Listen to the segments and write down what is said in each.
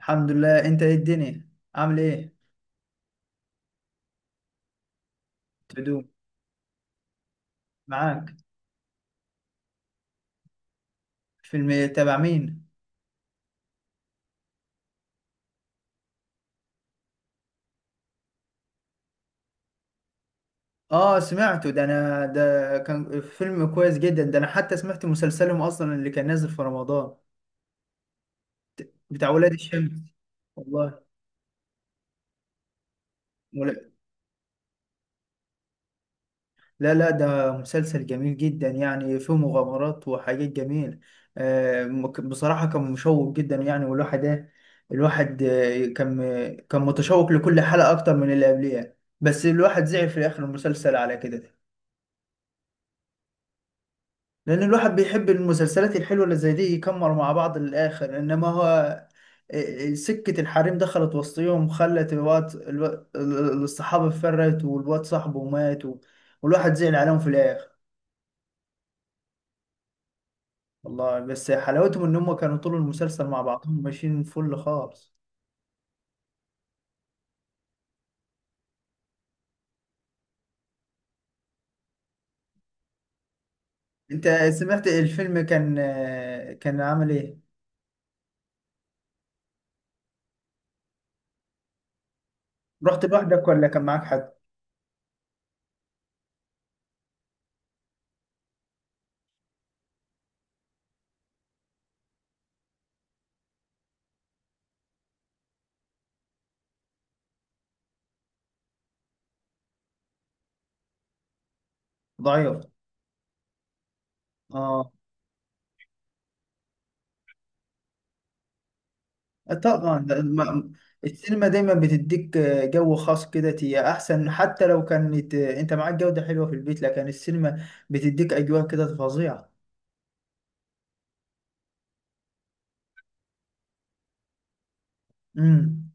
الحمد لله. انت ايه الدنيا، عامل ايه؟ تدوم. معاك. فيلم تبع مين؟ اه، سمعته. ده انا ده كان فيلم كويس جدا. ده انا حتى سمعت مسلسلهم اصلا اللي كان نازل في رمضان بتاع ولاد الشمس. والله. ولا- لا لا، ده مسلسل جميل جدا، يعني فيه مغامرات وحاجات جميلة. بصراحة كان مشوق جدا، يعني. والواحد ايه، الواحد كان متشوق لكل حلقة اكتر من اللي قبليها. بس الواحد زعل في الاخر المسلسل على كده. لان الواحد بيحب المسلسلات الحلوه اللي زي دي يكمروا مع بعض للاخر، انما هو سكه الحريم دخلت وسطيهم خلت الوقت الصحابه اتفرقت والواد صاحبه مات والواحد زعل عليهم في الاخر. والله بس حلاوتهم ان هم كانوا طول المسلسل مع بعضهم ماشيين فل خالص. انت سمعت الفيلم كان كان عامل ايه؟ رحت لوحدك ولا كان معاك حد؟ ضعيف. اه، طبعا. السينما دايما بتديك جو خاص كده، هي احسن، حتى لو كانت انت معاك جودة حلوة في البيت لكن السينما بتديك اجواء كده فظيعة. امم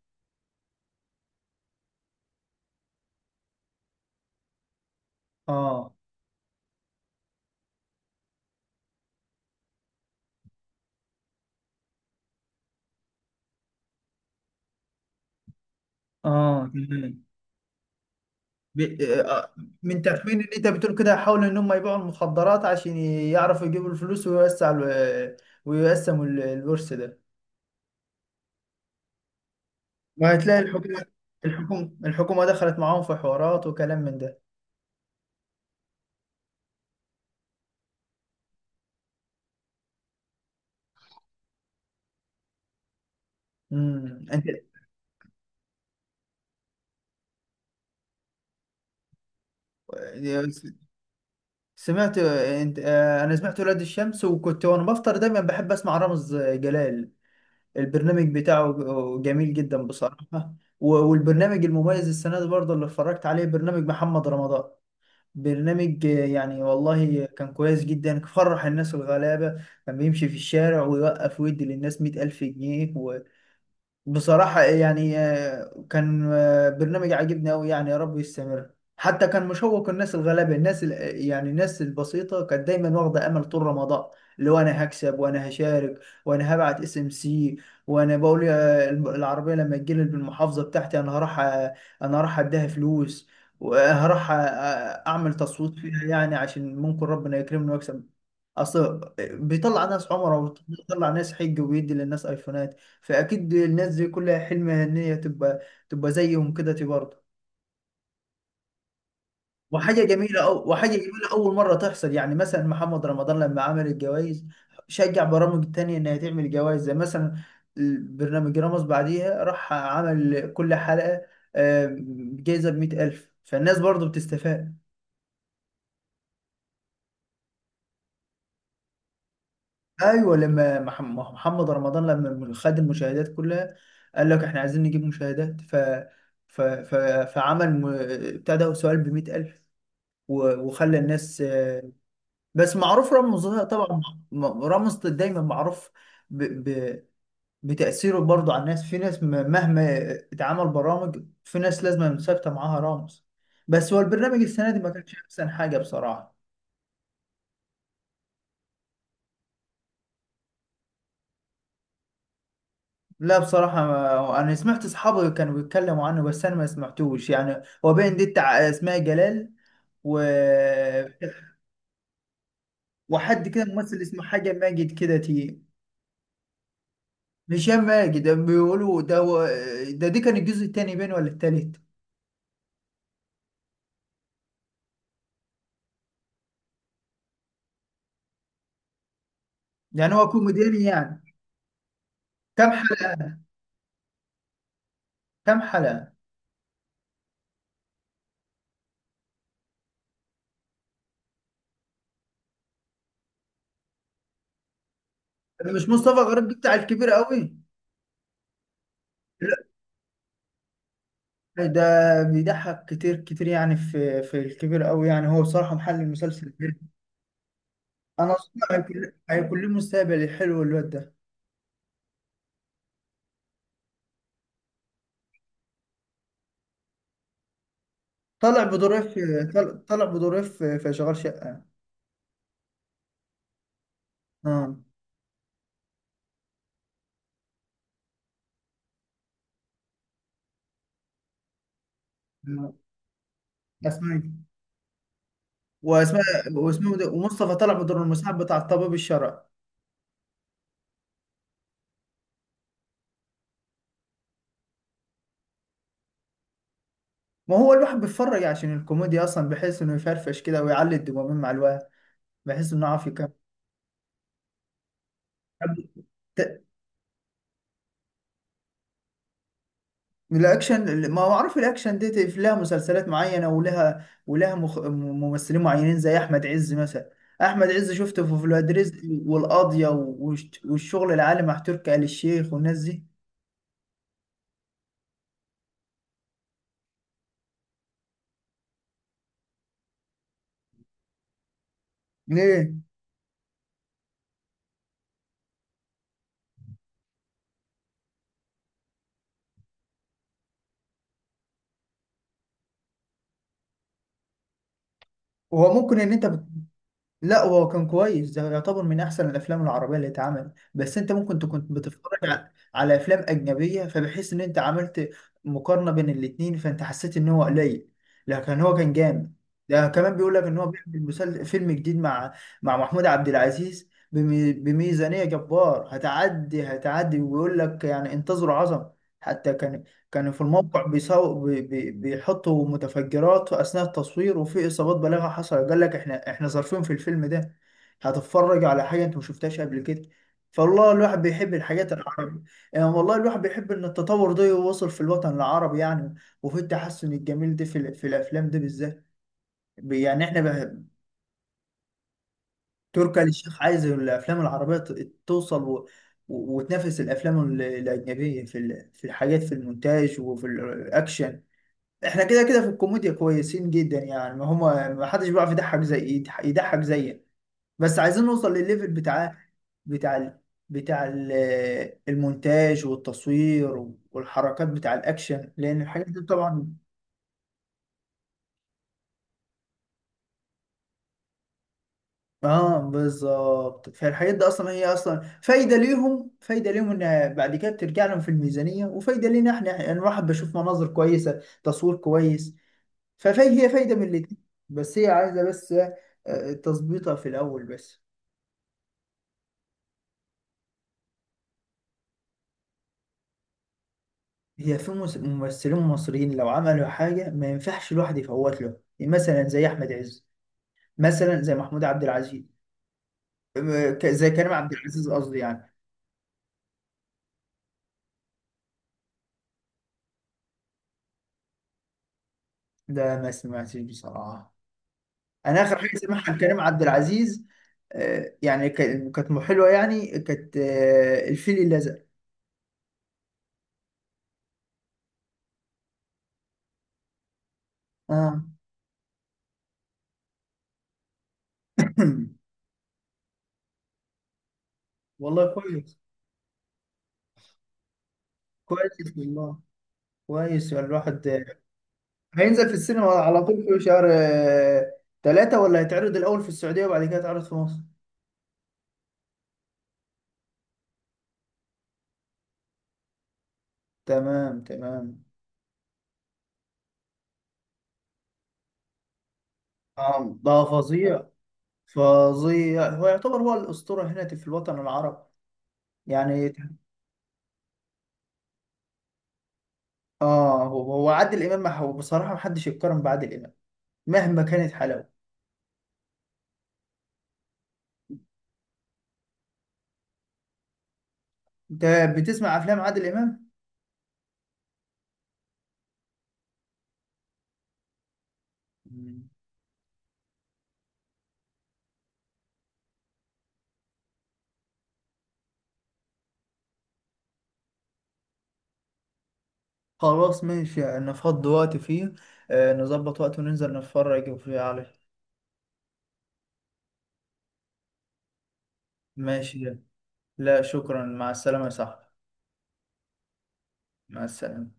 اه، اه، تمام. ب- آه، من تخمين اللي انت بتقول كده، حاولوا ان هم يبيعوا المخدرات عشان يعرفوا يجيبوا الفلوس ويوسعوا ويقسموا الورث ده. وهتلاقي الحكومة. الحكومة دخلت معاهم في حوارات وكلام من ده. امم. انت سمعت، آه، انت آه، انا سمعت ولاد الشمس. وكنت وانا بفطر دايما بحب اسمع رامز جلال. البرنامج بتاعه جميل جدا بصراحة. والبرنامج المميز السنة دي برضه اللي اتفرجت عليه برنامج محمد رمضان. برنامج يعني والله كان كويس جدا. فرح الناس الغلابة، كان بيمشي في الشارع ويوقف ويدي للناس 100,000 جنيه. بصراحة يعني كان برنامج عاجبني أوي، يعني يا رب يستمر. حتى كان مشوق الناس الغلابة، الناس يعني الناس البسيطة كانت دايما واخدة أمل طول رمضان. اللي هو أنا هكسب، وأنا هشارك، وأنا هبعت اس ام سي. وأنا بقول العربية لما تجيلي بالمحافظة بتاعتي، أنا هروح أنا هروح أديها فلوس. وهروح أعمل تصويت فيها، يعني عشان ممكن ربنا يكرمني وأكسب. اصل بيطلع ناس عمره وبيطلع ناس حج وبيدي للناس ايفونات، فاكيد الناس دي كلها حلمها ان هي تبقى زيهم كده تي برضه. وحاجه جميله اول مره تحصل، يعني مثلا محمد رمضان لما عمل الجوائز، شجع برامج تانية انها تعمل جوائز. زي مثلا برنامج رامز بعديها راح عمل كل حلقه آه، جايزه ب 100,000، فالناس برضه بتستفاد. ايوه لما محمد رمضان لما خد المشاهدات كلها، قال لك احنا عايزين نجيب مشاهدات. ف ف ف فعمل بتاع ده سؤال ب 100,000. وخلى الناس بس معروف رامز طبعا. رامز دايما معروف ب... ب... بتأثيره برضه على الناس. في ناس، مهما اتعمل برامج، في ناس لازم ثابتة معاها رامز. بس هو البرنامج السنة دي ما كانش أحسن حاجة بصراحة. لا، بصراحة أنا سمعت أصحابي كانوا بيتكلموا عنه، بس أنا ما سمعتوش. يعني هو باين دي بتاع أسماء جلال و... وحد كده ممثل اسمه حاجة ماجد كده تي. هشام ماجد بيقولوا ده. دي كان الجزء التاني باين ولا التالت؟ يعني هو كوميدياني يعني؟ كام حلقة؟ كام حلقة؟ مش مصطفى غريب بتاع الكبير قوي؟ لا ده بيضحك كتير كتير، يعني في الكبير قوي، يعني هو بصراحة محل المسلسل ده. أنا أصلا هيكون له مستقبل حلو الواد ده. طلع بدور اف. طلع بدور اف في شغال شقه. اه. اسمعي. واسماء، واسمه ده، ومصطفى طلع بدور المساعد بتاع الطبيب الشرعي. ما هو الواحد بيتفرج عشان الكوميديا اصلا، بحيث انه يفرفش كده ويعلي الدوبامين مع الواحد، بحيث انه يعرف يكمل. طب. ت- الاكشن، ما اعرف الاكشن دي لها مسلسلات معينه، ولها ممثلين معينين زي احمد عز مثلا. احمد عز شفته في ولاد رزق والقاضيه والشغل العالي مع تركي آل الشيخ والناس دي. ليه؟ هو ممكن ان انت لا، هو كان كويس. ده يعتبر من احسن الافلام العربيه اللي اتعملت، بس انت ممكن تكون بتتفرج على، على افلام اجنبيه، فبحيث ان انت عملت مقارنه بين الاتنين، فانت حسيت ان هو قليل. لكن هو كان جامد. ده كمان بيقول لك ان هو بيعمل فيلم جديد مع محمود عبد العزيز بميزانيه جبار هتعدي، ويقول لك يعني انتظروا عظمه. حتى كانوا في الموقع بيساو بي بي بيحطوا متفجرات أثناء التصوير، وفي إصابات بالغة حصلت. قال لك إحنا ظرفين في الفيلم ده. هتتفرج على حاجة أنت ما شفتهاش قبل كده. فالله الواحد بيحب الحاجات العربية، يعني والله الواحد بيحب إن التطور ده يوصل في الوطن العربي، يعني. وفي التحسن الجميل ده في الأفلام ده بالذات. يعني إحنا بقى. تركي آل الشيخ عايز الأفلام العربية توصل وتنافس الأفلام الأجنبية في الحاجات، في المونتاج وفي الأكشن. احنا كده كده في الكوميديا كويسين جدا، يعني ما هما ما حدش بيعرف يضحك زي يضحك زينا. بس عايزين نوصل للليفل بتاع بتاع ال... بتاع ال... المونتاج والتصوير والحركات بتاع الاكشن، لان الحاجات دي طبعا. اه، بالظبط. فالحاجات دي اصلا، هي اصلا فايده ليهم، ان بعد كده بترجع لهم في الميزانيه، وفايده لينا احنا، يعني الواحد بشوف مناظر كويسه، تصوير كويس. فهي فايده من الاتنين. بس هي عايزه بس تظبيطها في الاول بس. هي في ممثلين مصريين لو عملوا حاجة ما ينفعش الواحد يفوت له، يعني مثلا زي أحمد عز، مثلا زي محمود عبد العزيز. زي كريم عبد العزيز قصدي، يعني. ده ما سمعتش بصراحة. أنا آخر حاجة سمعها لكريم عبد العزيز، يعني كانت حلوة، يعني كانت الفيل الأزرق. آه. والله كويس. كويس والله. كويس، يعني الواحد هينزل في السينما على طول في شهر 3؟ ولا هيتعرض الأول في السعودية وبعد كده يتعرض في مصر؟ تمام، تمام. ده فظيع. فظيع، هو يعتبر هو الأسطورة هنا في الوطن العربي، يعني. اه، هو عادل إمام. ما هو بصراحة ما حدش يتقارن بعادل إمام مهما كانت حلاوة. انت بتسمع أفلام عادل إمام؟ مم. خلاص، ماشي، نفضي وقت فيه. نظبط وقت وننزل نتفرج فيه عليه. ماشي. لا شكرا، مع السلامة يا صاحبي. مع السلامة.